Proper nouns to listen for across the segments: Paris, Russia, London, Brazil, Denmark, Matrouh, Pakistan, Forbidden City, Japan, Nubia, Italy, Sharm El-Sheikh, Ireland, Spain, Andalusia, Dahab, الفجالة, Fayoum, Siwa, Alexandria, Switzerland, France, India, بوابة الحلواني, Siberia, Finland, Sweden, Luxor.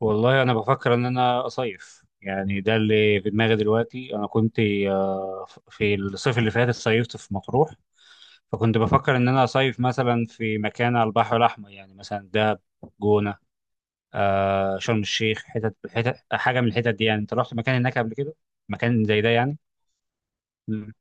والله انا بفكر ان انا اصيف، يعني ده اللي في دماغي دلوقتي. انا كنت في الصيف اللي فات صيفت في مطروح. فكنت بفكر ان انا اصيف مثلا في مكان على البحر الاحمر، يعني مثلا دهب، جونه، شرم الشيخ، حتت حتت حاجه من الحتت دي، يعني انت رحت مكان هناك قبل كده؟ مكان زي ده يعني. مم.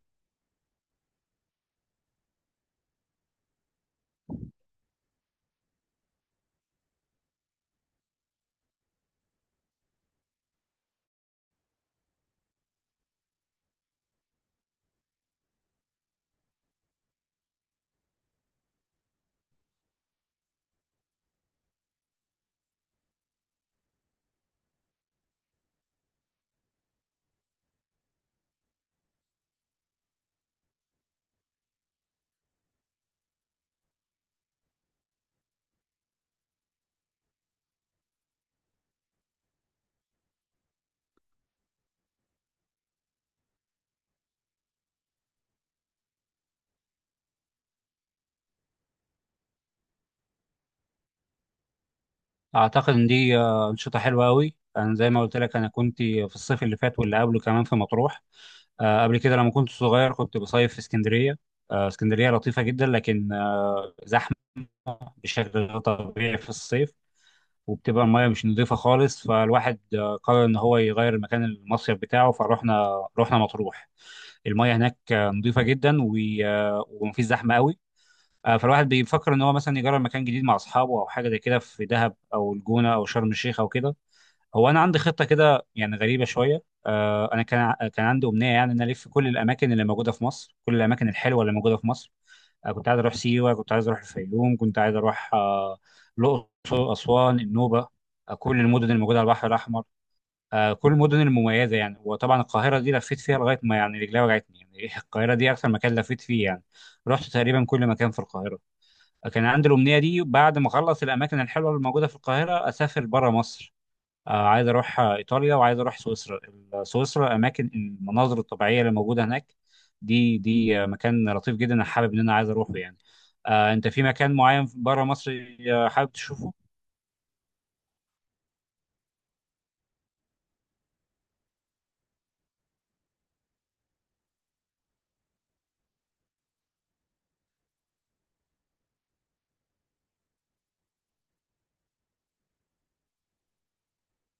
اعتقد ان دي انشطه حلوه قوي. انا زي ما قلت لك، انا كنت في الصيف اللي فات واللي قبله كمان في مطروح. قبل كده لما كنت صغير كنت بصيف في اسكندرية. اسكندرية لطيفة جدا، لكن زحمة بشكل غير طبيعي في الصيف، وبتبقى المياه مش نظيفة خالص. فالواحد قرر إن هو يغير مكان المصيف بتاعه، فروحنا رحنا مطروح. المياه هناك نظيفة جدا ومفيش زحمة قوي. فالواحد بيفكر إن هو مثلا يجرب مكان جديد مع أصحابه أو حاجة زي كده في دهب أو الجونة أو شرم الشيخ أو كده. هو انا عندي خطه كده يعني غريبه شويه. انا كان عندي امنيه، يعني ان أنا الف كل الاماكن اللي موجوده في مصر، كل الاماكن الحلوه اللي موجوده في مصر. كنت عايز اروح سيوه، كنت عايز اروح الفيوم، كنت عايز اروح الاقصر، اسوان، النوبه. كل المدن الموجوده على البحر الاحمر، كل المدن المميزه يعني. وطبعا القاهره دي لفيت فيها لغايه ما يعني رجلي وجعتني يعني القاهره دي اكثر مكان لفيت فيه يعني. رحت تقريبا كل مكان في القاهره. كان عندي الامنيه دي، بعد ما اخلص الاماكن الحلوه اللي موجوده في القاهره اسافر بره مصر. عايز اروح ايطاليا وعايز اروح سويسرا. سويسرا، اماكن المناظر الطبيعيه اللي موجوده هناك، دي مكان لطيف جدا، انا حابب ان انا عايز اروحه يعني. انت في مكان معين بره مصر حابب تشوفه؟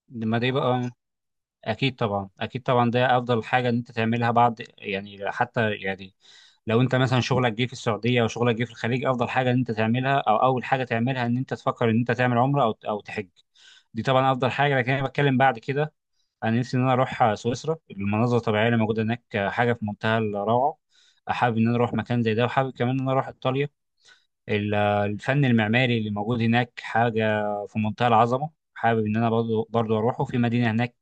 ما ده يبقى اكيد طبعا، اكيد طبعا ده افضل حاجه ان انت تعملها بعد، يعني حتى يعني لو انت مثلا شغلك جه في السعوديه او شغلك جه في الخليج، افضل حاجه ان انت تعملها او اول حاجه تعملها ان انت تفكر ان انت تعمل عمره او تحج. دي طبعا افضل حاجه، لكن انا بتكلم بعد كده. انا نفسي ان انا اروح سويسرا، المناظر الطبيعيه اللي موجوده هناك حاجه في منتهى الروعه. حابب ان انا اروح مكان زي ده، وحابب كمان ان انا اروح ايطاليا. الفن المعماري اللي موجود هناك حاجه في منتهى العظمه. حابب ان انا برضو برضو اروحه في مدينه هناك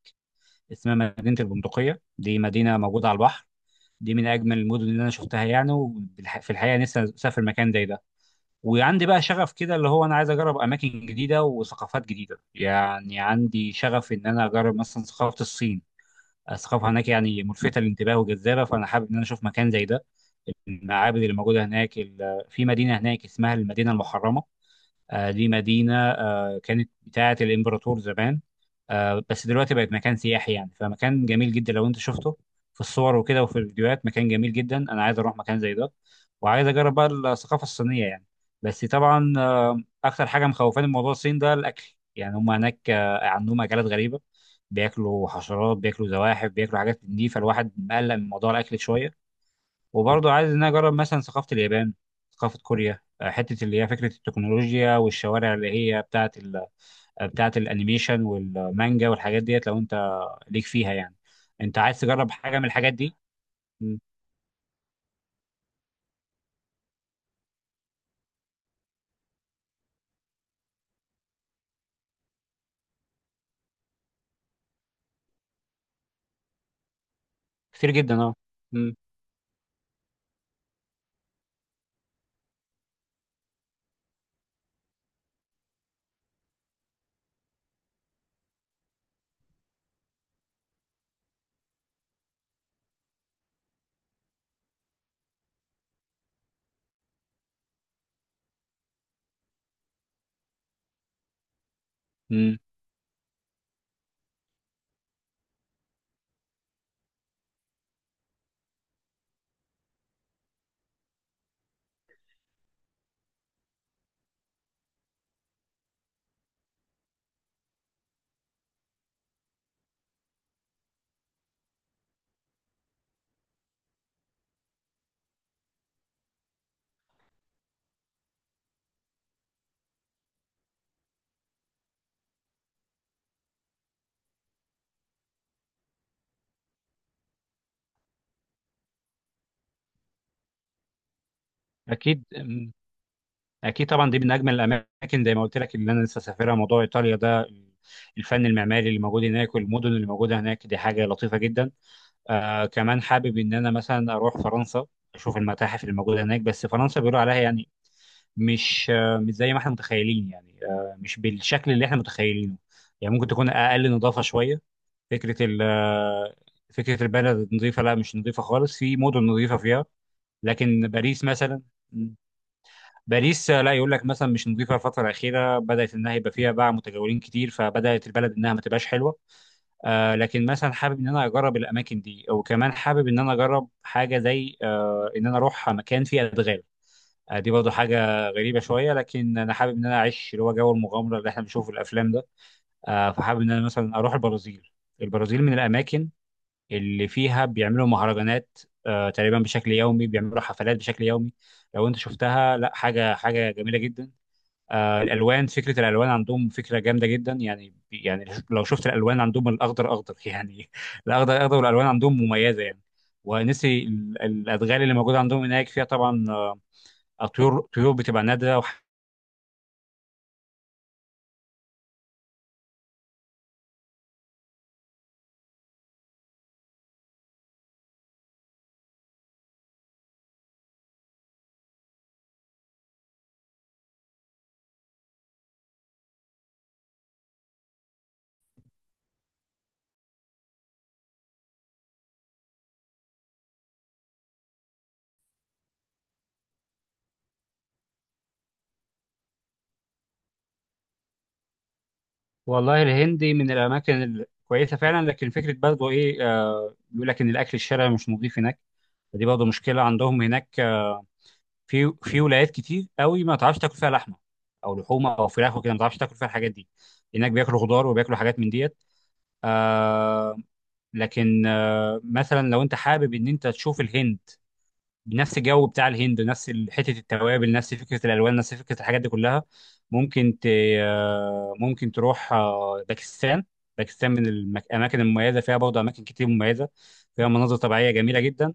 اسمها مدينه البندقيه. دي مدينه موجوده على البحر، دي من اجمل المدن اللي انا شفتها يعني، وفي الحقيقه نفسي اسافر مكان زي ده. وعندي بقى شغف كده، اللي هو انا عايز اجرب اماكن جديده وثقافات جديده، يعني عندي شغف ان انا اجرب مثلا ثقافه الصين. الثقافه هناك يعني ملفته للانتباه وجذابه، فانا حابب ان انا اشوف مكان زي ده. المعابد اللي موجوده هناك، في مدينه هناك اسمها المدينه المحرمه. دي مدينة كانت بتاعة الإمبراطور زمان، بس دلوقتي بقت مكان سياحي يعني، فمكان جميل جدا لو أنت شفته في الصور وكده وفي الفيديوهات. مكان جميل جدا، أنا عايز أروح مكان زي ده وعايز أجرب بقى الثقافة الصينية يعني. بس طبعا أكتر حاجة مخوفاني من موضوع الصين ده الأكل، يعني هم هناك عندهم أكلات غريبة، بياكلوا حشرات، بياكلوا زواحف، بياكلوا حاجات من دي. فالواحد مقلق من موضوع الأكل شوية. وبرضه عايز ان أنا اجرب مثلا ثقافه اليابان، ثقافه كوريا. حته اللي هي فكره التكنولوجيا والشوارع اللي هي بتاعه بتاعه الانيميشن والمانجا والحاجات ديت. لو انت ليك فيها يعني، انت عايز تجرب حاجه من الحاجات دي؟ مم. كتير جدا، اه. مم. مم. اكيد. مم. اكيد طبعا، دي من اجمل الاماكن زي ما قلت لك اللي انا لسه سافرها، موضوع ايطاليا ده الفن المعماري اللي موجود هناك والمدن اللي موجوده هناك دي حاجه لطيفه جدا. كمان حابب ان انا مثلا اروح فرنسا، اشوف المتاحف الموجوده هناك، بس فرنسا بيقولوا عليها يعني مش مش زي ما احنا متخيلين، يعني مش بالشكل اللي احنا متخيلينه، يعني ممكن تكون اقل نظافه شويه. فكره ال آه، فكره البلد نظيفه؟ لا، مش نظيفه خالص. في مدن نظيفه فيها، لكن باريس مثلا، باريس لا، يقول لك مثلا مش نظيفه. الفتره الاخيره بدات انها يبقى فيها باع متجولين كتير، فبدات البلد انها ما تبقاش حلوه. لكن مثلا حابب ان انا اجرب الاماكن دي، وكمان حابب ان انا اجرب حاجه زي ان انا اروح مكان فيه ادغال. دي برضه حاجه غريبه شويه، لكن انا حابب ان انا اعيش اللي هو جو المغامره اللي احنا بنشوفه في الافلام ده. فحابب ان انا مثلا اروح البرازيل. البرازيل من الاماكن اللي فيها بيعملوا مهرجانات تقريبا بشكل يومي، بيعملوا حفلات بشكل يومي. لو انت شفتها، لا، حاجه حاجه جميله جدا. الالوان، فكره الالوان عندهم فكره جامده جدا، يعني لو شفت الالوان عندهم الاخضر اخضر يعني. الاخضر اخضر والالوان عندهم مميزه يعني. ونسي الادغال اللي موجوده عندهم هناك، فيها طبعا طيور، طيور بتبقى نادره والله الهندي من الاماكن الكويسه فعلا، لكن فكره برضه ايه، بيقول لك ان الاكل الشرعي مش نظيف هناك، فدي برضه مشكله عندهم هناك. في ولايات كتير قوي ما تعرفش تاكل فيها لحمه او لحوم او فراخ وكده، ما تعرفش تاكل فيها الحاجات دي. هناك بياكلوا خضار وبياكلوا حاجات من ديت. آه لكن مثلا لو انت حابب ان انت تشوف الهند بنفس الجو بتاع الهند، نفس حته التوابل، نفس فكره الالوان، نفس فكره الحاجات دي كلها، ممكن ت آه ممكن تروح باكستان. باكستان من الاماكن المميزه، فيها برضه اماكن كتير مميزه، فيها مناظر طبيعيه جميله جدا.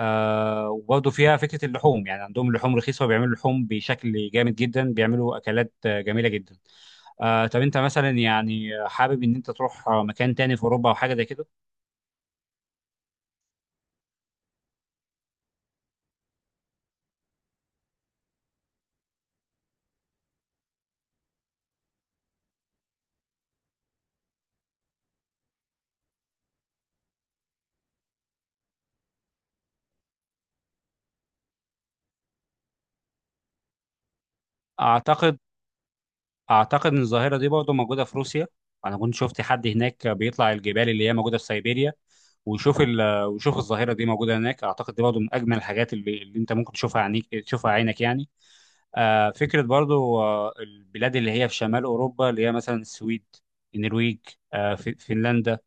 وبرضه فيها فكره اللحوم، يعني عندهم لحوم رخيصه وبيعملوا لحوم بشكل جامد جدا، بيعملوا اكلات جميله جدا. طب انت مثلا، يعني حابب ان انت تروح مكان تاني في اوروبا او حاجه زي كده؟ اعتقد اعتقد ان الظاهره دي برضه موجوده في روسيا. انا كنت شفت حد هناك بيطلع الجبال اللي هي موجوده في سيبيريا، ويشوف ويشوف الظاهره دي موجوده هناك. اعتقد دي برضه من اجمل الحاجات اللي انت ممكن تشوفها عينيك تشوفها عينك يعني. فكره برضه البلاد اللي هي في شمال اوروبا، اللي هي مثلا السويد، النرويج، فنلندا،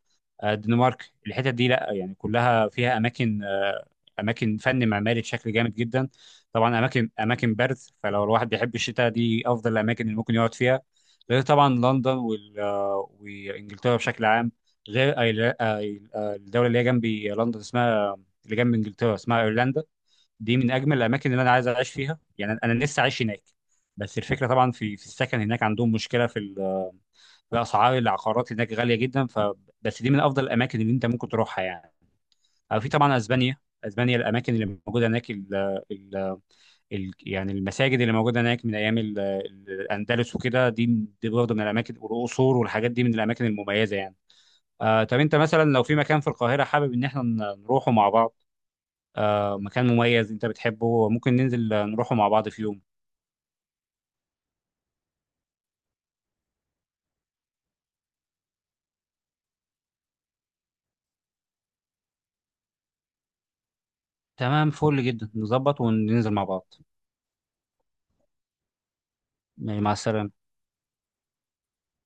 الدنمارك. الحتت دي لا يعني كلها فيها اماكن، اماكن فن معماري بشكل جامد جدا. طبعا اماكن، اماكن برد، فلو الواحد بيحب الشتاء دي افضل الاماكن اللي ممكن يقعد فيها. غير طبعا لندن وانجلترا بشكل عام. غير الدوله اللي هي جنبي لندن اسمها، اللي جنب انجلترا اسمها ايرلندا. دي من اجمل الاماكن اللي انا عايز اعيش فيها يعني، أنا نفسي اعيش هناك. بس الفكره طبعا في السكن هناك، عندهم مشكله في اسعار العقارات هناك غاليه جدا، بس دي من افضل الاماكن اللي انت ممكن تروحها يعني. أو في طبعا اسبانيا. اسبانيا الاماكن اللي موجوده هناك، ال ال ال يعني المساجد اللي موجوده هناك من ايام الاندلس وكده، دي دي برضه من الاماكن، والقصور والحاجات دي من الاماكن المميزه يعني. طب انت مثلا لو في مكان في القاهره حابب ان احنا نروحه مع بعض، مكان مميز انت بتحبه، ممكن ننزل نروحه مع بعض في يوم؟ تمام، فل جدا، نظبط وننزل مع بعض. مع السلامة.